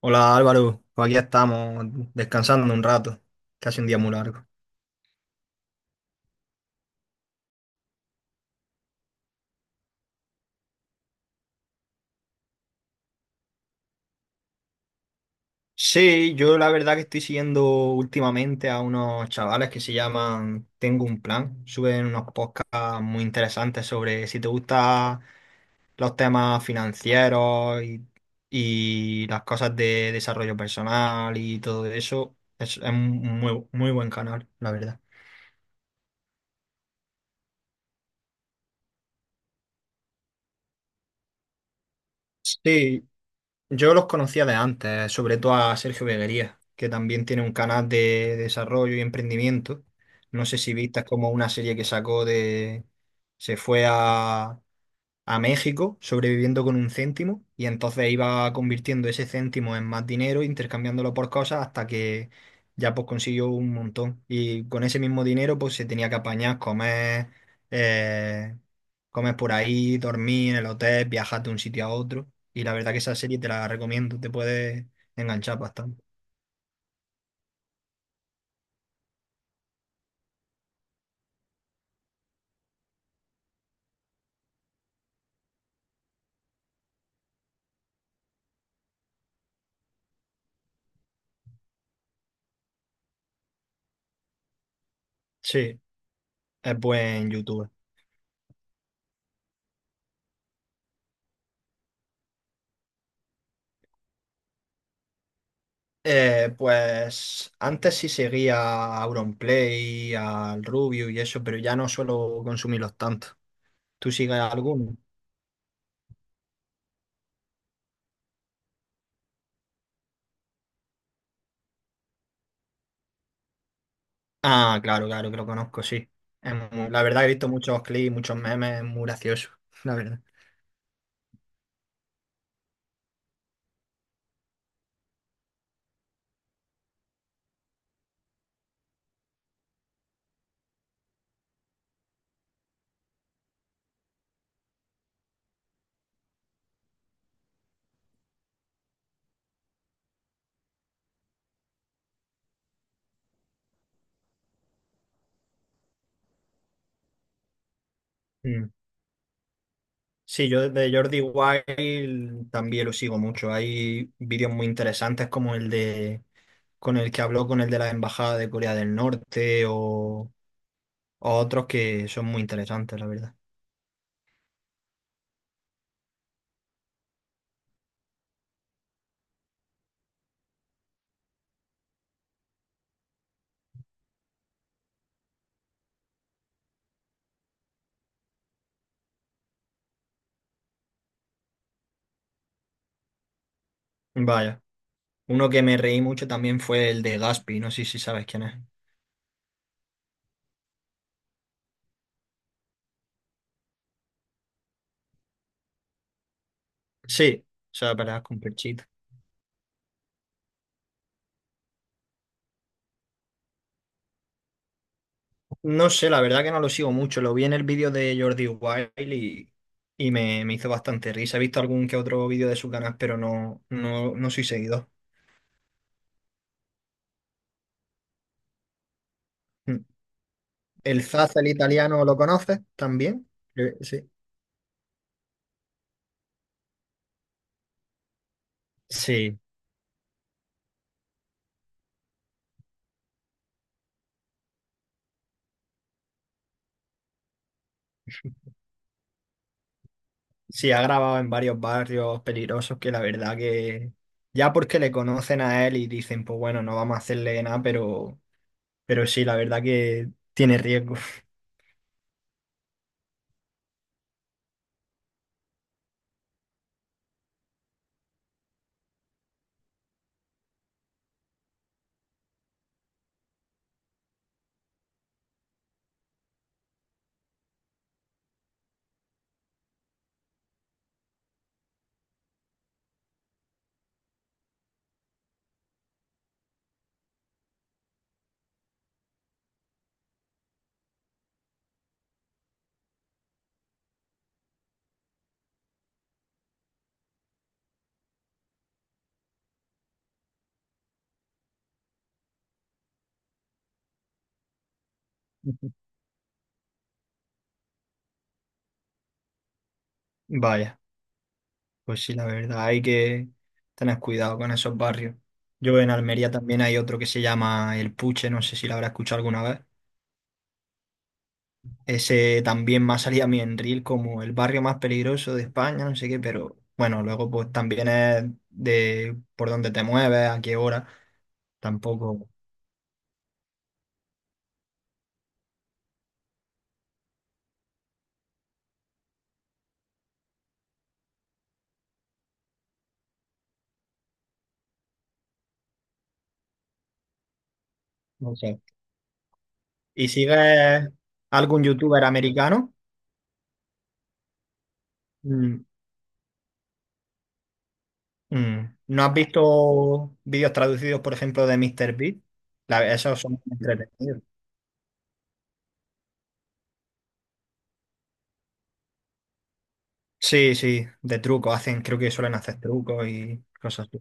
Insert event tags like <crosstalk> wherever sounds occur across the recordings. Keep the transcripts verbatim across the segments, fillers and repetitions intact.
Hola Álvaro, pues aquí estamos descansando un rato, casi un día muy largo. Sí, yo la verdad que estoy siguiendo últimamente a unos chavales que se llaman Tengo un plan. Suben unos podcasts muy interesantes sobre si te gustan los temas financieros y, y las cosas de desarrollo personal y todo eso. Es, es un muy, muy buen canal, la verdad. Sí, yo los conocía de antes, sobre todo a Sergio Beguería, que también tiene un canal de desarrollo y emprendimiento. No sé si viste, es como una serie que sacó de... Se fue a, a México sobreviviendo con un céntimo y entonces iba convirtiendo ese céntimo en más dinero, intercambiándolo por cosas hasta que ya pues consiguió un montón. Y con ese mismo dinero pues se tenía que apañar, comer, eh, comes por ahí, dormís en el hotel, viajas de un sitio a otro. Y la verdad que esa serie te la recomiendo, te puede enganchar bastante. Sí, es buen youtuber. Eh, pues antes sí seguía a Auronplay, al Rubio y eso, pero ya no suelo consumirlos tanto. ¿Tú sigues alguno? Ah, claro, claro, que lo conozco, sí. Es muy- la verdad he visto muchos clips, muchos memes, es muy gracioso, <laughs> la verdad. Mm. Sí, yo de Jordi Wild también lo sigo mucho. Hay vídeos muy interesantes como el de con el que habló con el de la Embajada de Corea del Norte o, o otros que son muy interesantes, la verdad. Vaya, uno que me reí mucho también fue el de Gaspi, no sé si sabes quién es. Sí, o sea, peleas con Perchita. No sé, la verdad que no lo sigo mucho. Lo vi en el vídeo de Jordi Wild y, y me, me hizo bastante risa. He visto algún que otro vídeo de su canal, pero no, no, no soy seguidor. Mm. El Zaz, el italiano, ¿lo conoces también? Creo. Sí. Sí, sí, ha grabado en varios barrios peligrosos que la verdad que ya porque le conocen a él y dicen, pues bueno, no vamos a hacerle nada, pero, pero sí, la verdad que tiene riesgo. <laughs> Vaya, pues sí, la verdad hay que tener cuidado con esos barrios. Yo en Almería también hay otro que se llama El Puche, no sé si lo habrá escuchado alguna vez. Ese también más salía a mí en Reel como el barrio más peligroso de España, no sé qué, pero bueno, luego pues también es de por dónde te mueves, a qué hora, tampoco, no sé. ¿Y sigues algún youtuber americano? Mm, mm. ¿No has visto vídeos traducidos, por ejemplo, de míster Beast? La- esos son entretenidos. Sí, sí, de trucos, hacen, creo que suelen hacer trucos y cosas así.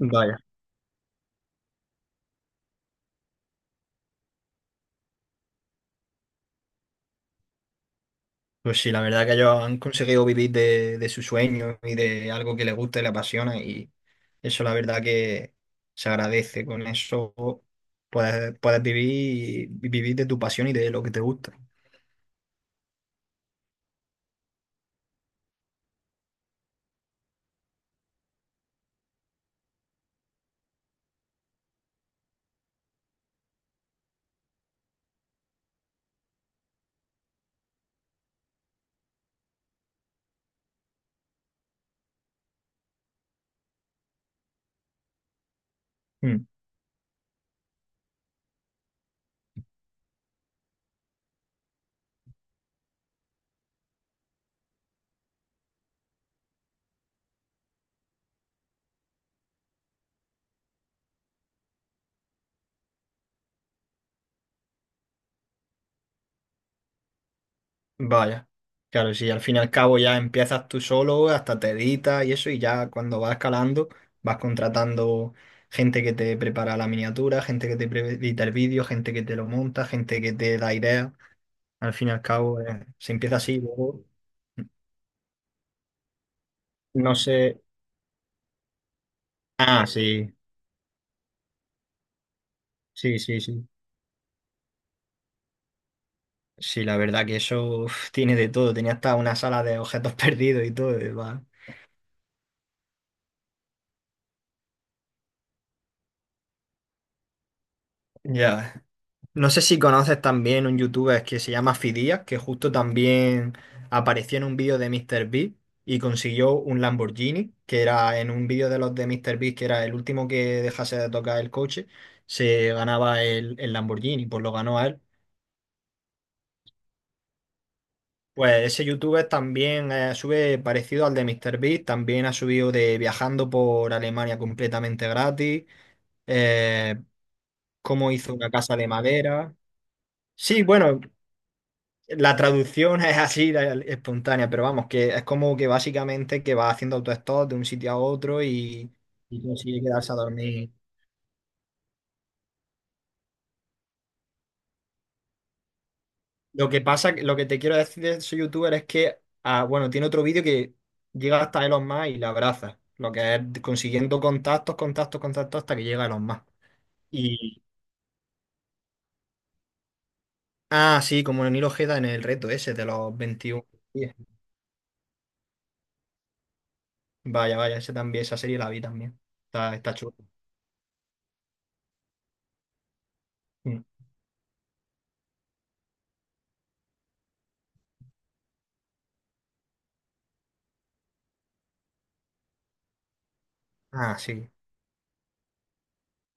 Vaya. Pues sí, la verdad que ellos han conseguido vivir de, de su sueño y de algo que les gusta y les apasiona y eso la verdad que se agradece. Con eso puedes, puedes vivir, vivir de tu pasión y de lo que te gusta. Mm. Vaya. Claro, si al fin y al cabo ya empiezas tú solo, hasta te editas y eso, y ya cuando vas escalando, vas contratando gente que te prepara la miniatura, gente que te pre- edita el vídeo, gente que te lo monta, gente que te da ideas. Al fin y al cabo, eh, se empieza así, luego no sé. Ah, sí, sí, sí, sí. Sí, la verdad que eso uf, tiene de todo. Tenía hasta una sala de objetos <laughs> perdidos y todo. Y va. Ya. No sé si conoces también un youtuber que se llama Fidias, que justo también apareció en un vídeo de MrBeast y consiguió un Lamborghini, que era en un vídeo de los de MrBeast, que era el último que dejase de tocar el coche, se ganaba el, el Lamborghini, pues lo ganó a él. Pues ese youtuber también eh, sube parecido al de MrBeast, también ha subido de viajando por Alemania completamente gratis, eh, cómo hizo una casa de madera. Sí, bueno, la traducción <laughs> es así, la- espontánea, pero vamos, que es como que básicamente que va haciendo autostop de un sitio a otro y, y consigue quedarse a dormir. Lo que pasa, lo que te quiero decir de ese youtuber es que, ah, bueno, tiene otro vídeo que llega hasta Elon Musk y la abraza. Lo que es consiguiendo contactos, contactos, contactos hasta que llega Elon Musk. Y, ah, sí, como Neil Ojeda en el reto ese de los veintiún días. Vaya, vaya, ese también, esa serie la vi también. Está, está chulo. Mm. Ah, sí.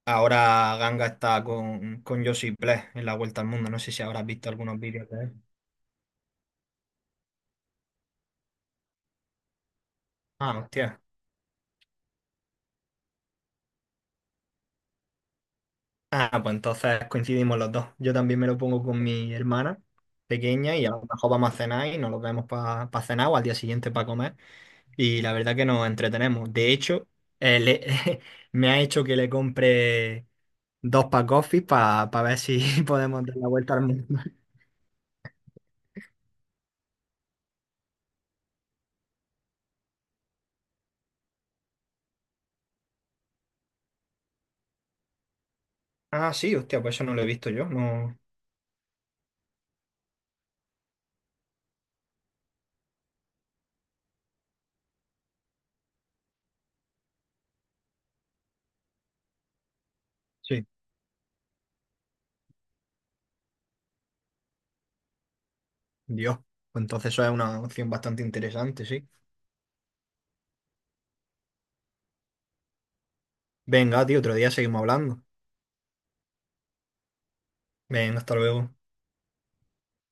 Ahora Ganga está con, con Josip Bless en la Vuelta al Mundo. No sé si habrás visto algunos vídeos de él. Ah, hostia. Ah, pues entonces coincidimos los dos. Yo también me lo pongo con mi hermana pequeña y a lo mejor vamos a cenar y nos lo vemos para cenar o al día siguiente para comer. Y la verdad que nos entretenemos. De hecho, eh, le- <laughs> me ha hecho que le compre dos pack coffee para ver si <laughs> podemos dar la vuelta al mundo. Ah, sí, hostia, pues eso no lo he visto yo. No. Sí. Dios. Pues entonces eso es una opción bastante interesante, sí. Venga, tío, otro día seguimos hablando. Venga, hasta luego.